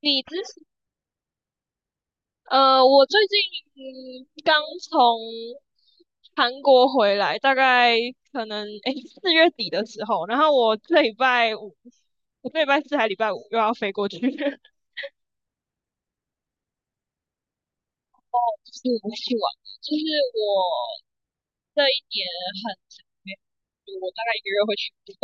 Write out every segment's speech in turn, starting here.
你之前呃，我最近刚从韩国回来，大概可能4月底的时候，然后我这礼拜四还礼拜五又要飞过去，就是我去玩，就是我这一年很长没有去，我大概一个月会去一次。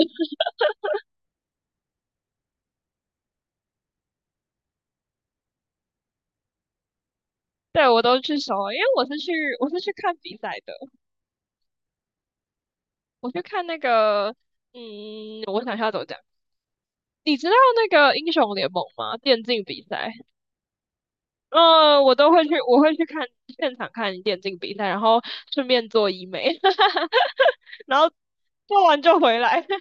对，我都去首尔，因为我是去看比赛的。我去看那个，我想一下怎么讲，你知道那个英雄联盟吗？电竞比赛。嗯，我都会去，我会去看现场看电竞比赛，然后顺便做医美，然后做完就回来。真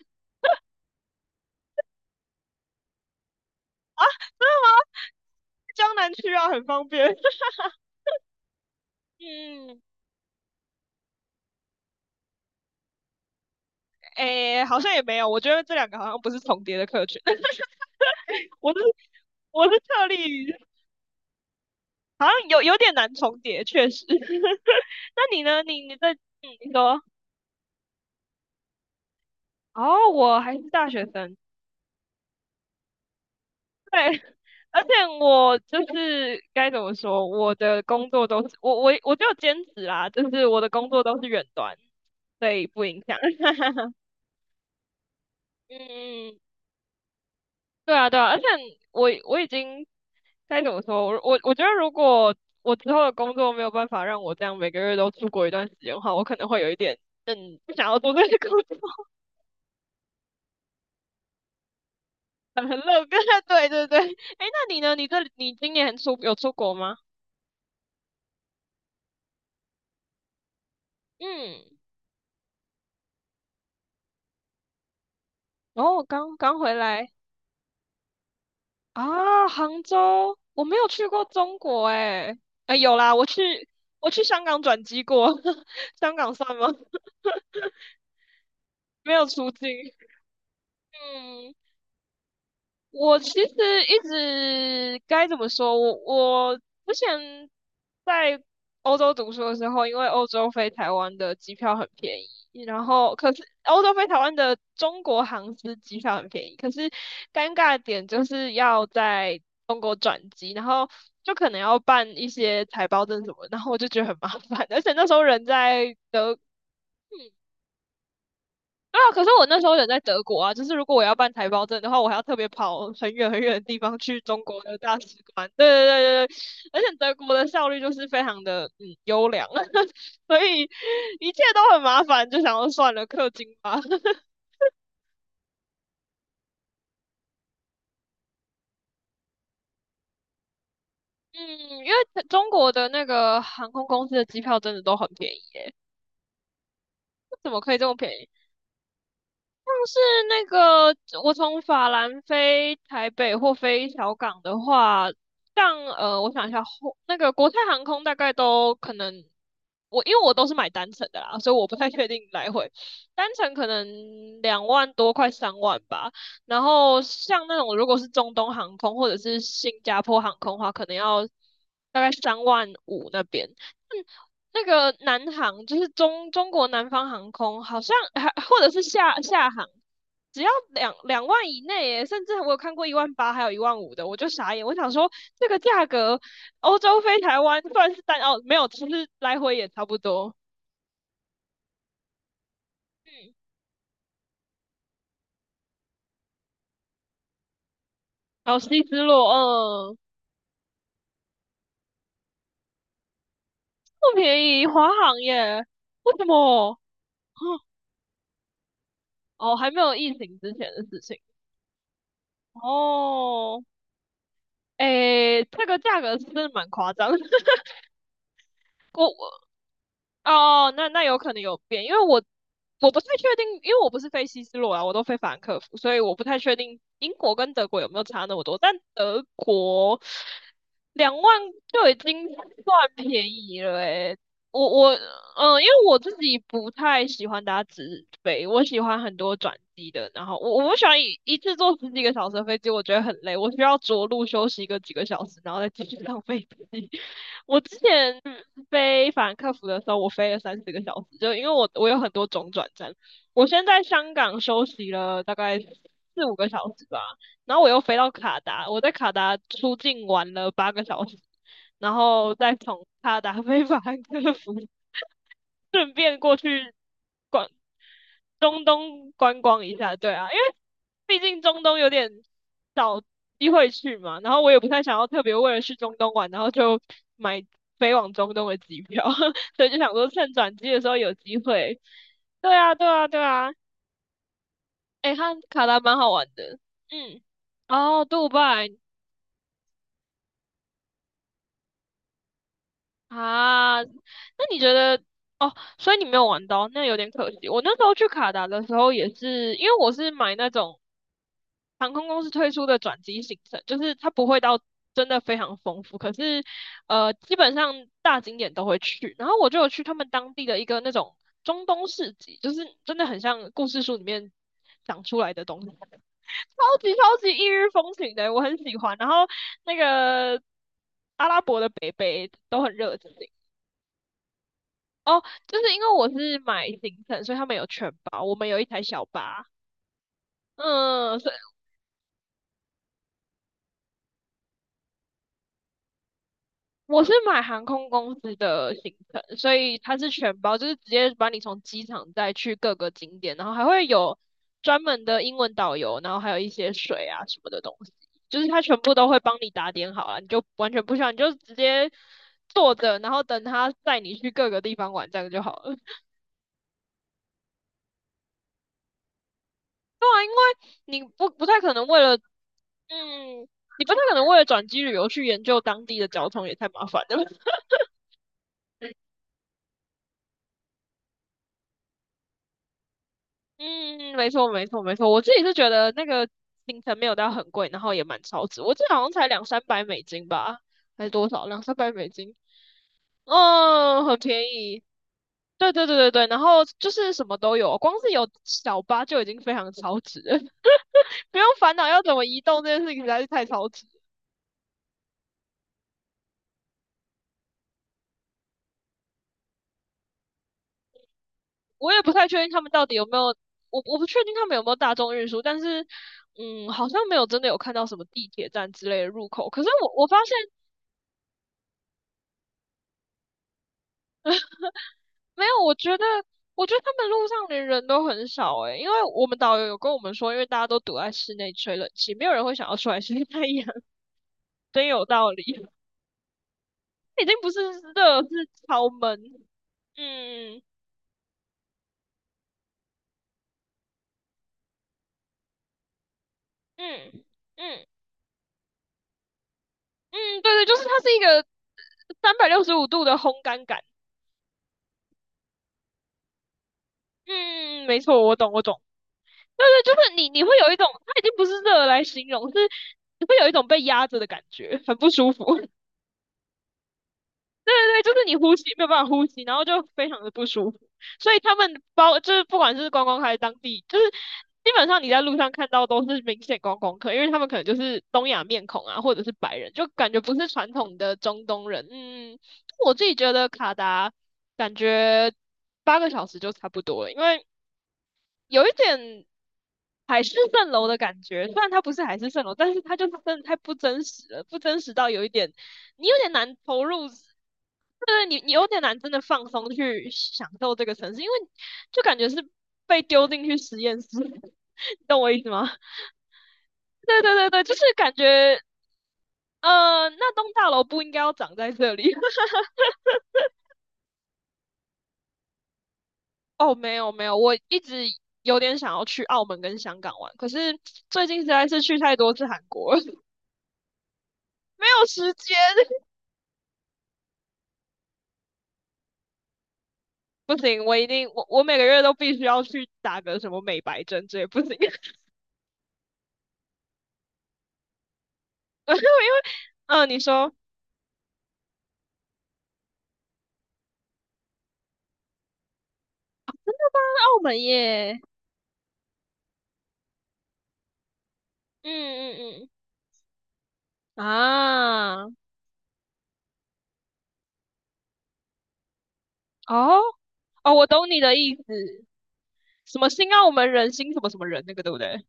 的吗？江南区啊，很方便。嗯，诶，好像也没有，我觉得这两个好像不是重叠的客群。我是我是特例，好像有点难重叠，确实。那你呢？你你在，你说哦，我还是大学生。对，而且我就是该怎么说，我的工作都是我就兼职啦，就是我的工作都是远端，所以不影响。嗯，对啊对啊，而且我已经该怎么说，我觉得如果我之后的工作没有办法让我这样每个月都出国一段时间的话，我可能会有一点不想要做这个工作。很乐观。对对对，哎，那你呢？你这你今年有出国吗？嗯，然后我刚刚回来。啊，杭州，我没有去过中国哎、哎、有啦，我去香港转机过，香港算吗？没有出境。嗯，我其实一直该怎么说？我之前在欧洲读书的时候，因为欧洲飞台湾的机票很便宜，然后可是欧洲飞台湾的中国航司机票很便宜，可是尴尬的点就是要在中国转机，然后就可能要办一些台胞证什么，然后我就觉得很麻烦，而且那时候人在德。对啊，可是我那时候人在德国啊，就是如果我要办台胞证的话，我还要特别跑很远很远的地方去中国的大使馆。对对对对对，而且德国的效率就是非常的优良。所以一切都很麻烦，就想要算了，氪金吧。嗯，因为中国的那个航空公司的机票真的都很便宜，怎么可以这么便宜？像是那个，我从法兰飞台北或飞小港的话，像我想一下，后那个国泰航空大概都可能，因为我都是买单程的啦，所以我不太确定来回，单程可能2万多，快三万吧。然后像那种如果是中东航空或者是新加坡航空的话，可能要大概3万5那边。嗯那个南航就是中国南方航空，好像还或者是厦航，只要两万以内耶，甚至我有看过1万8，还有1万5的，我就傻眼。我想说，这个价格，欧洲飞台湾算是单哦，没有，其实来回也差不多。嗯，然后西之洛，嗯，不便宜，华航耶，为什么？哦，哦还没有疫情之前的事情哦。诶，这个价格是真的蛮夸张。我哦，那那有可能有变，因为我不太确定，因为我不是飞西斯洛啊，我都飞法兰克福，所以我不太确定英国跟德国有没有差那么多。但德国两万就已经算便宜了诶、我我嗯、呃因为我自己不太喜欢搭直飞，我喜欢很多转机的。然后我不喜欢一次坐十几个小时的飞机，我觉得很累，我需要着陆休息个几个小时，然后再继续 上飞机。我之前飞法兰克福的时候，我飞了三四个小时，就因为我有很多种转站。我先在香港休息了大概四五个小时吧，然后我又飞到卡达，我在卡达出境玩了八个小时，然后再从卡达飞法兰克福，顺便过去逛中东观光一下。对啊，因为毕竟中东有点少机会去嘛，然后我也不太想要特别为了去中东玩，然后就买飞往中东的机票，所以就想说趁转机的时候有机会。对啊，对啊，对啊，诶，看卡达蛮好玩的，嗯，哦，杜拜啊，那你觉得？哦，所以你没有玩到，那有点可惜。我那时候去卡达的时候也是，因为我是买那种航空公司推出的转机行程，就是它不会到真的非常丰富，可是基本上大景点都会去。然后我就有去他们当地的一个那种中东市集，就是真的很像故事书里面讲出来的东西，超级超级异域风情的，我很喜欢。然后那个阿拉伯的北北都很热情。哦，就是因为我是买行程，所以他们有全包，我们有一台小巴。嗯，是。我是买航空公司的行程，所以它是全包，就是直接把你从机场带去各个景点，然后还会有专门的英文导游，然后还有一些水啊什么的东西，就是它全部都会帮你打点好了，你就完全不需要，你就直接坐着，然后等他带你去各个地方玩，这样就好了。对啊，因为你不太可能为了，你不太可能为了转机旅游去研究当地的交通，也太麻烦了。 嗯，没错，没错，没错。我自己是觉得那个行程没有到很贵，然后也蛮超值。我记得好像才两三百美金吧，还是多少？两三百美金，嗯，很便宜。对对对对对，然后就是什么都有，光是有小巴就已经非常超值了，不用烦恼要怎么移动这件事情实在是太超值。我也不太确定他们到底有没有，我不确定他们有没有大众运输，但是嗯，好像没有真的有看到什么地铁站之类的入口。可是我发现没有，我觉得他们路上连人都很少诶、因为我们导游有跟我们说，因为大家都躲在室内吹冷气，没有人会想要出来晒太阳。真有道理。已经不是热，是超闷。嗯嗯嗯嗯，对对，就是它是一个365度的烘干感。嗯，没错，我懂，我懂。对对，就是你，你会有一种，它已经不是热来形容，是你会有一种被压着的感觉，很不舒服。对，就是你呼吸没有办法呼吸，然后就非常的不舒服。所以他们包就是不管是观光客还是当地，就是基本上你在路上看到都是明显观光客，因为他们可能就是东亚面孔啊，或者是白人，就感觉不是传统的中东人。嗯，我自己觉得卡达感觉八个小时就差不多了，因为有一点海市蜃楼的感觉，虽然它不是海市蜃楼，但是它就是真的太不真实了，不真实到有一点，你有点难投入。对，你你有点难真的放松去享受这个城市，因为就感觉是被丢进去实验室。你懂我意思吗？对对对对，就是感觉那栋大楼不应该要长在这里。哦，没有没有，我一直有点想要去澳门跟香港玩，可是最近实在是去太多次韩国了，没有时间。不行，我一定我我每个月都必须要去打个什么美白针，这也不行，因为你说澳门耶，嗯嗯嗯，啊，哦哦，我懂你的意思，什么新澳门人、新什么什么人那个，对不对？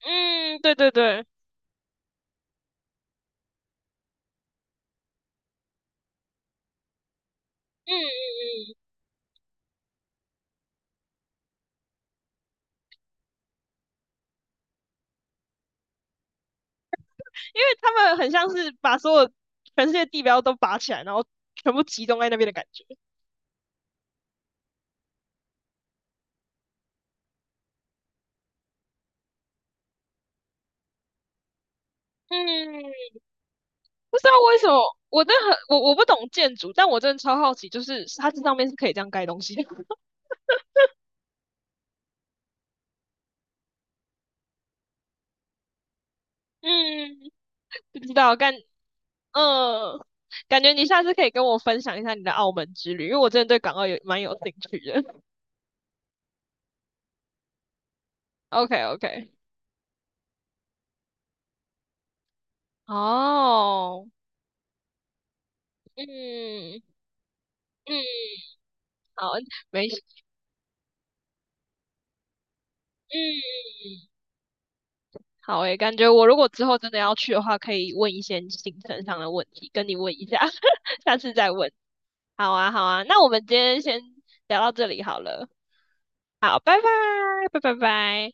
嗯，对对对，嗯嗯嗯，因为他们很像是把所有全世界地标都拔起来，然后全部集中在那边的感觉。嗯，不知道为什么，我真的很我不懂建筑，但我真的超好奇，就是它这上面是可以这样盖东西的。嗯，不知道，嗯，感觉你下次可以跟我分享一下你的澳门之旅，因为我真的对港澳有蛮有兴趣的。OK OK。哦，嗯嗯，好，没事，嗯，好诶，感觉我如果之后真的要去的话，可以问一些行程上的问题，跟你问一下，下次再问。好啊，好啊，那我们今天先聊到这里好了，好，拜拜，拜拜拜。